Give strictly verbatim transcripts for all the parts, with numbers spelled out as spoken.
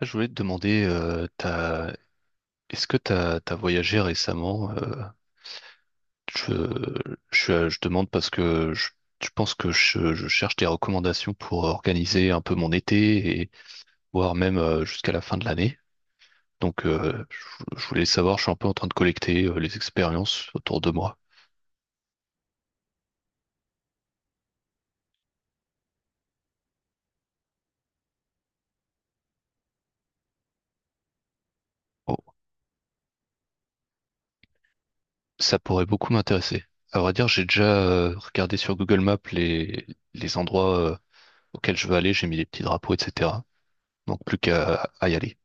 Je voulais te demander, euh, t'as- est-ce que tu as voyagé récemment? Euh, je, je, je demande parce que je, je pense que je, je cherche des recommandations pour organiser un peu mon été et voire même euh, jusqu'à la fin de l'année. Donc, euh, je, je voulais savoir, je suis un peu en train de collecter euh, les expériences autour de moi. Ça pourrait beaucoup m'intéresser. À vrai dire, j'ai déjà euh, regardé sur Google Maps les, les endroits euh, auxquels je veux aller, j'ai mis des petits drapeaux, et cetera. Donc plus qu'à à y aller.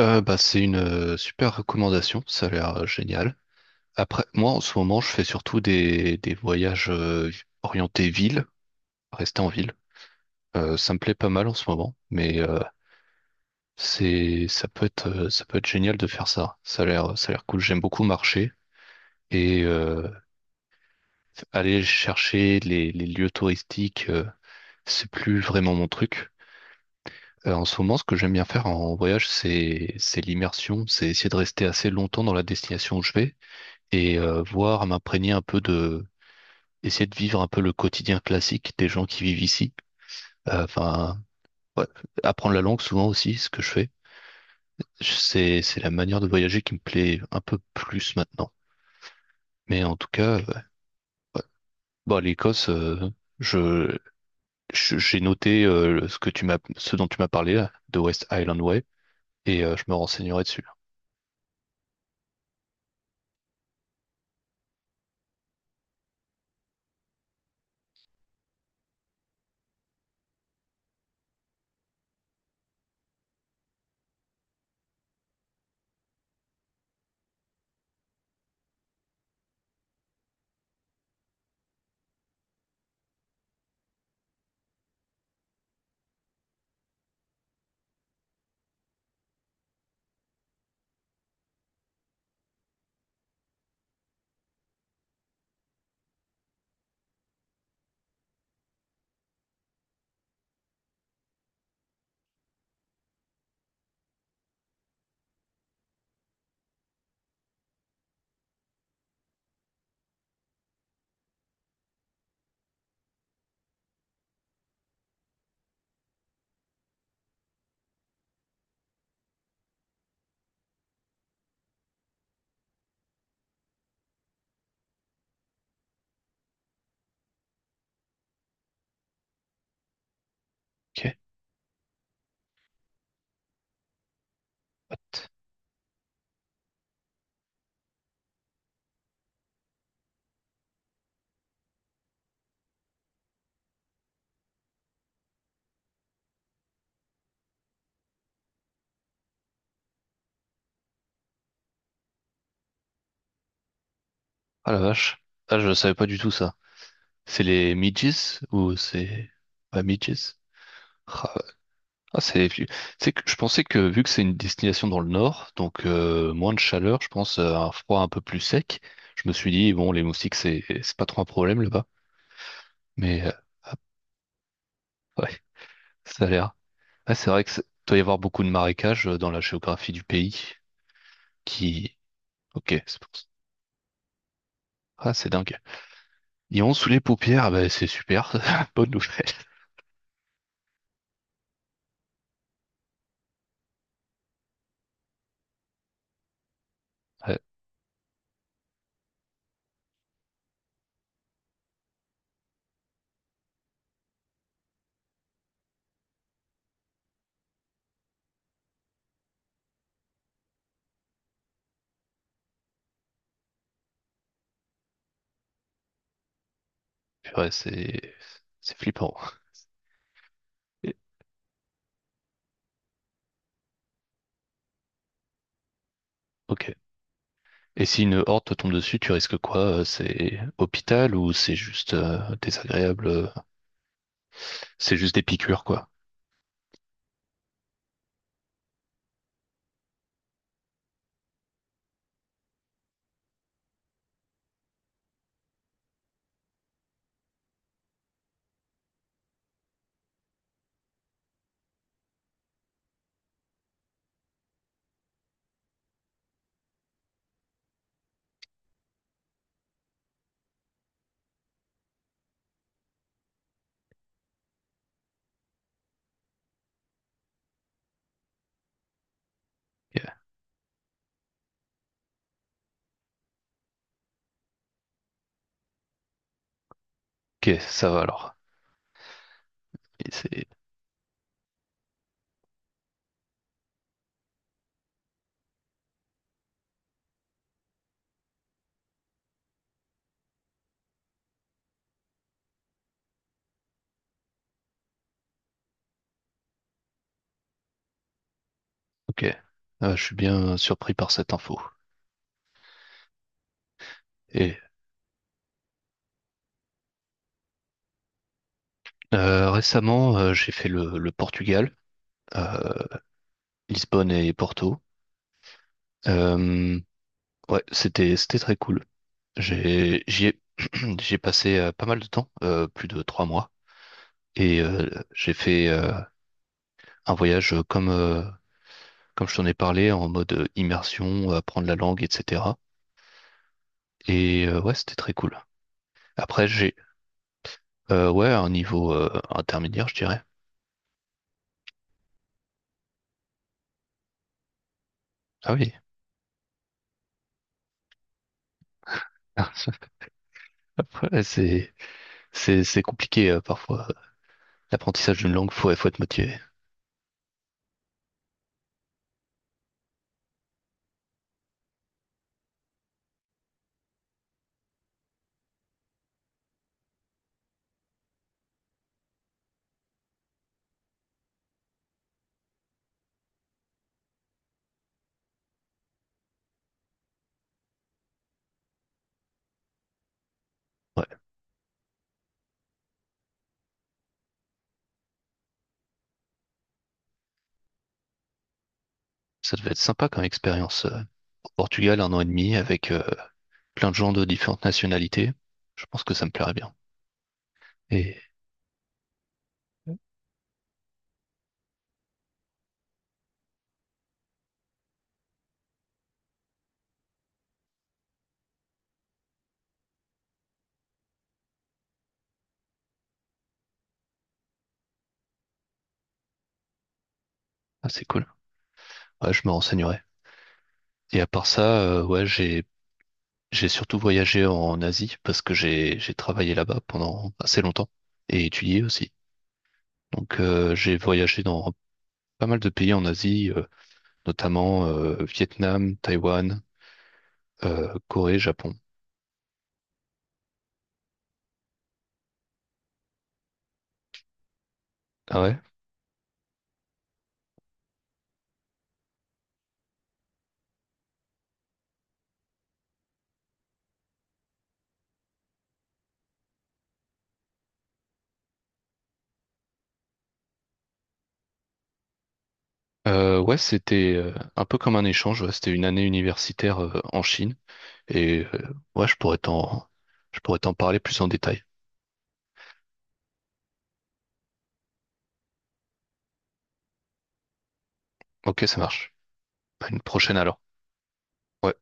Euh, bah, c'est une euh, super recommandation, ça a l'air euh, génial. Après, moi en ce moment, je fais surtout des, des voyages euh, orientés ville, rester en ville. Euh, ça me plaît pas mal en ce moment, mais euh, c'est ça peut être euh, ça peut être génial de faire ça. Ça a l'air ça a l'air cool. J'aime beaucoup marcher. Et euh, aller chercher les, les lieux touristiques, euh, c'est plus vraiment mon truc. Euh, en ce moment, ce que j'aime bien faire en voyage, c'est c'est l'immersion, c'est essayer de rester assez longtemps dans la destination où je vais et euh, voir, m'imprégner un peu de, essayer de vivre un peu le quotidien classique des gens qui vivent ici. Euh, Enfin, ouais, apprendre la langue souvent aussi, ce que je fais. C'est c'est la manière de voyager qui me plaît un peu plus maintenant. Mais en tout cas, ouais, ouais. Bon, l'Écosse, euh, je Je- J'ai noté euh, ce que tu m'as, ce dont tu m'as parlé là, de West Island Way, et euh, je me renseignerai dessus. Ok. What? Ah la vache. Ah, je savais pas du tout ça. C'est les midges ou c'est pas midges? Ah. Ah, c'est, tu sais que je pensais que vu que c'est une destination dans le nord, donc euh, moins de chaleur, je pense euh, un froid un peu plus sec. Je me suis dit bon, les moustiques c'est c'est pas trop un problème là-bas, mais euh, ah, ouais, ça a l'air. Ah, c'est vrai que c'est- doit y avoir beaucoup de marécages euh, dans la géographie du pays. Qui, ok, c'est pour ça. Ah, c'est dingue. Ils ont sous les paupières, ah bah, c'est super, bonne nouvelle. Ouais, purée, c'est c'est flippant. Et- Ok. Et si une horde te tombe dessus, tu risques quoi? euh, C'est hôpital ou c'est juste euh, désagréable? euh, C'est juste des piqûres, quoi. Ok, ok, ça va alors. Et c'est- Ok. Ah, je suis bien surpris par cette info. Et euh, récemment, euh, j'ai fait le, le Portugal, euh, Lisbonne et Porto. Euh, ouais, c'était c'était très cool. J'ai j'y ai, j'y ai passé euh, pas mal de temps, euh, plus de trois mois, et euh, j'ai fait euh, un voyage euh, comme, euh, comme je t'en ai parlé, en mode euh, immersion, euh, apprendre la langue, et cetera. Et euh, ouais, c'était très cool. Après, j'ai euh, ouais, un niveau euh, intermédiaire, je dirais. Ah oui. Ouais, c'est c'est c'est compliqué euh, parfois. euh, L'apprentissage d'une langue, faut faut être motivé. Ouais, ça devait être sympa comme expérience. Euh, au Portugal, un an et demi avec euh, plein de gens de différentes nationalités. Je pense que ça me plairait bien. Et ah, c'est cool. Ouais, je me renseignerai. Et à part ça, euh, ouais, j'ai j'ai surtout voyagé en Asie parce que j'ai j'ai travaillé là-bas pendant assez longtemps et étudié aussi. Donc, euh, j'ai voyagé dans pas mal de pays en Asie, euh, notamment euh, Vietnam, Taïwan, euh, Corée, Japon. Ah ouais? Euh, ouais, c'était euh, un peu comme un échange. Ouais, c'était une année universitaire euh, en Chine. Et euh, ouais, je pourrais t'en, je pourrais t'en parler plus en détail. Ok, ça marche. À une prochaine alors. Ouais.